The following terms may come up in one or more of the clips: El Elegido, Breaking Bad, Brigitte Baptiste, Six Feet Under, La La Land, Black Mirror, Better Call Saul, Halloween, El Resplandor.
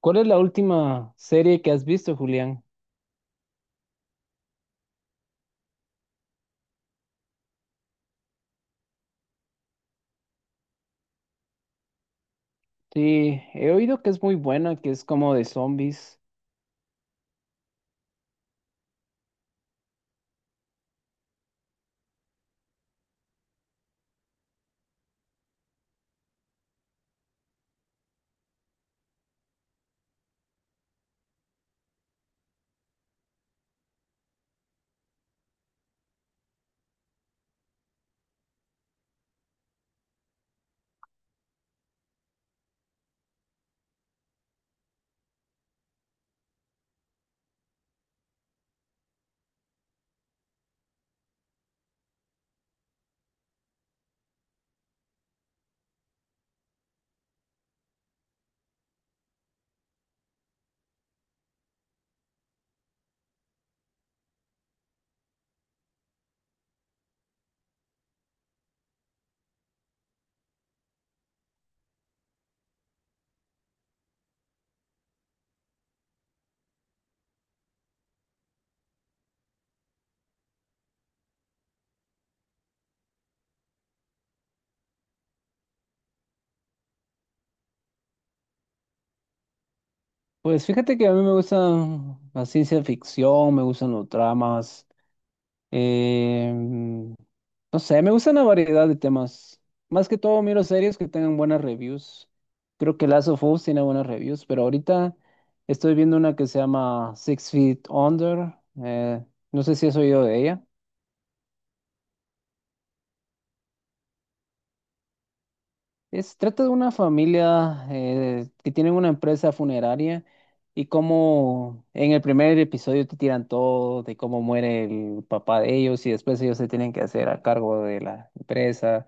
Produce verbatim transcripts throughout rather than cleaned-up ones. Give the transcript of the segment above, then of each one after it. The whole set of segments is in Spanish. ¿Cuál es la última serie que has visto, Julián? Sí, he oído que es muy buena, que es como de zombies. Pues fíjate que a mí me gusta la ciencia ficción, me gustan los dramas, eh, mm, no sé, me gustan la variedad de temas. Más que todo miro series que tengan buenas reviews. Creo que Last of Us tiene buenas reviews, pero ahorita estoy viendo una que se llama Six Feet Under. eh, no sé si has oído de ella. Es, trata de una familia eh, que tienen una empresa funeraria, y cómo en el primer episodio te tiran todo de cómo muere el papá de ellos y después ellos se tienen que hacer a cargo de la empresa.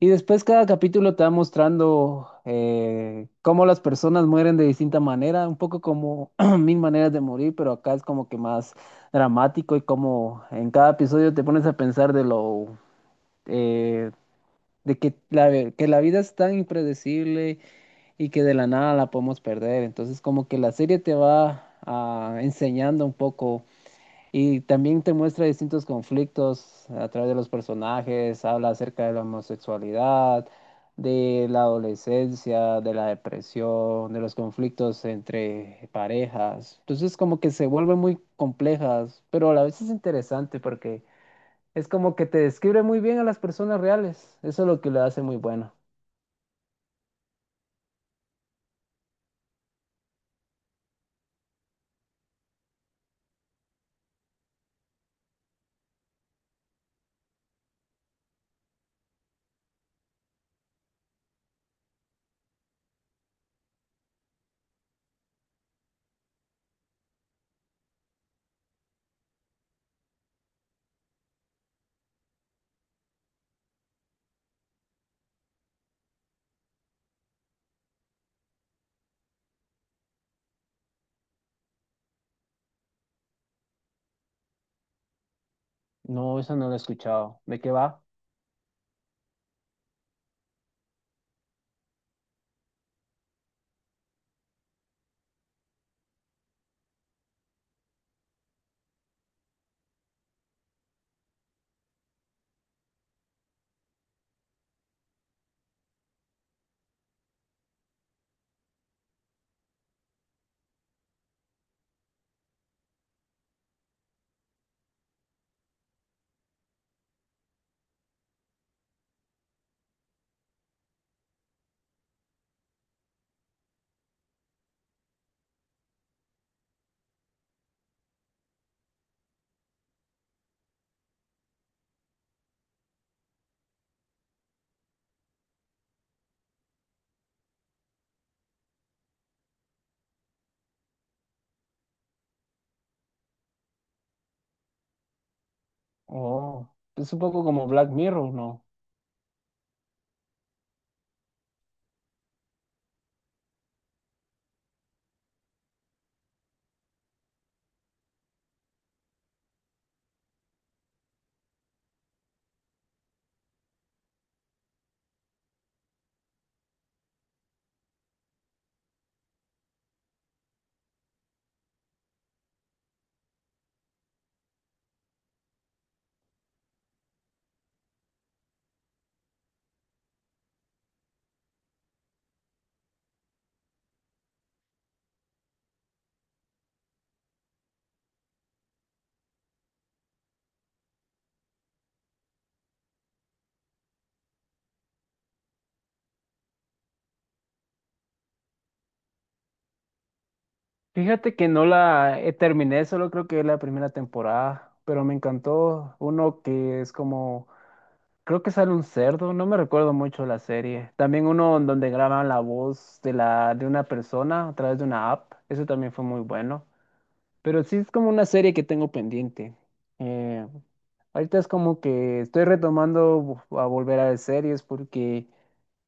Y después cada capítulo te va mostrando eh, cómo las personas mueren de distinta manera, un poco como mil maneras de morir, pero acá es como que más dramático, y como en cada episodio te pones a pensar de lo... eh, de que la, ve- que la vida es tan impredecible y que de la nada la podemos perder. Entonces, como que la serie te va ah, enseñando un poco, y también te muestra distintos conflictos a través de los personajes, habla acerca de la homosexualidad, de la adolescencia, de la depresión, de los conflictos entre parejas. Entonces, como que se vuelven muy complejas, pero a la vez es interesante porque es como que te describe muy bien a las personas reales. Eso es lo que lo hace muy bueno. No, esa no la he escuchado. ¿De qué va? Oh, es un poco como Black Mirror, ¿no? Fíjate que no la eh, terminé, solo creo que la primera temporada, pero me encantó uno que es como, creo que sale un cerdo, no me recuerdo mucho la serie. También uno en donde graban la voz de la de una persona a través de una app, eso también fue muy bueno. Pero sí es como una serie que tengo pendiente. Eh, Ahorita es como que estoy retomando a volver a ver series porque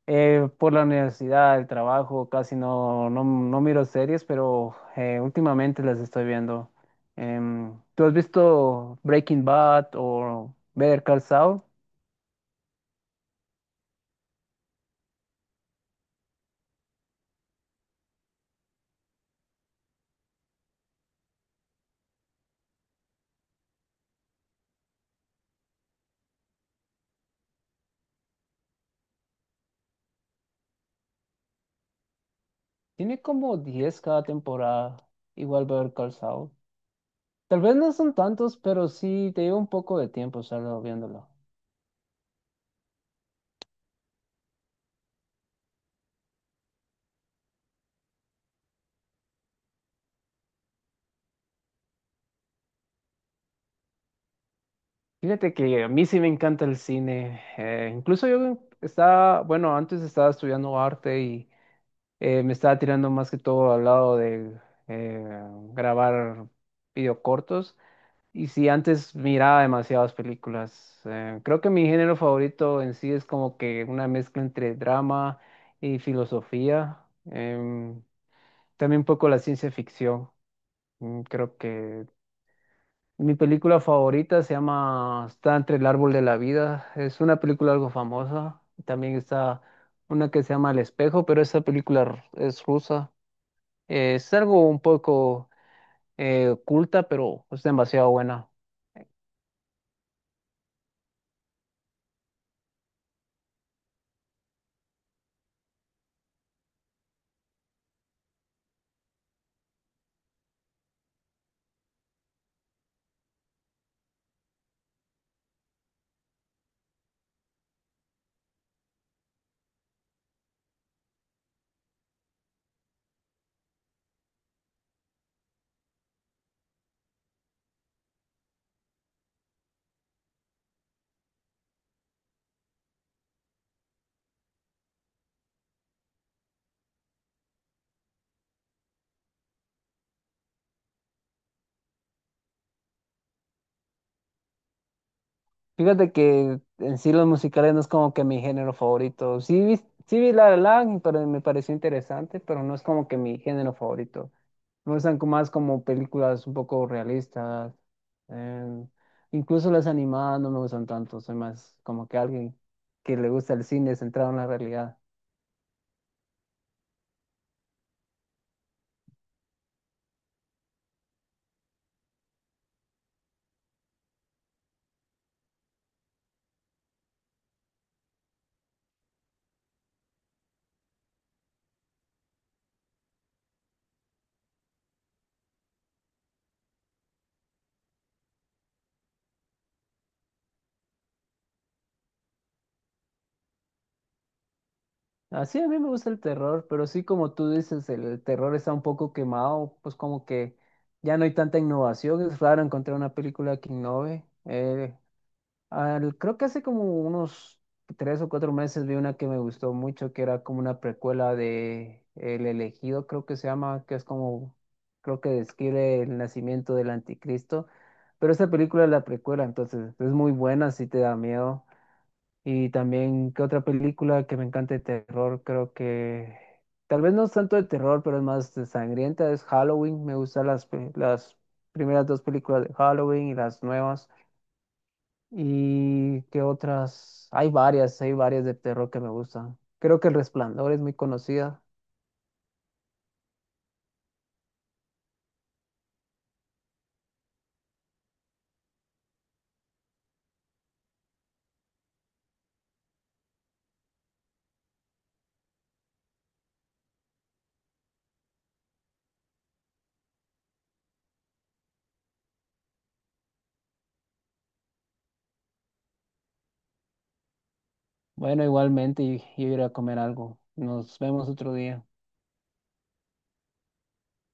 eh, por la universidad, el trabajo, casi no, no, no miro series, pero eh, últimamente las estoy viendo. Em, ¿tú has visto Breaking Bad o Better Call Saul? Tiene como diez cada temporada, igual Better Call Saul. Tal vez no son tantos, pero sí te lleva un poco de tiempo estarlo viéndolo. Fíjate que a mí sí me encanta el cine. Eh, incluso yo estaba, bueno, antes estaba estudiando arte, y eh, me estaba tirando más que todo al lado de eh, grabar videocortos. Y sí, antes miraba demasiadas películas. Eh, creo que mi género favorito en sí es como que una mezcla entre drama y filosofía. em, También un poco la ciencia ficción. mm, Creo que mi película favorita se llama Está entre el árbol de la vida. Es una película algo famosa. También está una que se llama El espejo, pero esa película r- es rusa. Eh, es algo un poco eh, oculta, pero es demasiado buena. Fíjate que en sí los musicales no es como que mi género favorito. Sí vi, sí vi La La Land, pero me pareció interesante, pero no es como que mi género favorito. Me gustan co- más como películas un poco realistas. eh, Incluso las animadas no me gustan tanto. Soy más como que alguien que le gusta el cine centrado en la realidad. Así a mí me gusta el terror, pero sí como tú dices, el terror está un poco quemado, pues como que ya no hay tanta innovación. Es raro encontrar una película que innove. Eh, Al- creo que hace como unos tres o cuatro meses vi una que me gustó mucho, que era como una precuela de El Elegido, creo que se llama, que es como, creo que describe el nacimiento del anticristo. Pero esta película es la precuela, entonces es muy buena, si te da miedo. Y también, ¿qué otra película que me encanta de terror? Creo que tal vez no es tanto de terror, pero es más de sangrienta, es Halloween. Me gustan las, pe- las primeras dos películas de Halloween y las nuevas. ¿Y qué otras? Hay varias, hay varias de terror que me gustan. Creo que El Resplandor es muy conocida. Bueno, igualmente, y, y iré a comer algo. Nos vemos otro día.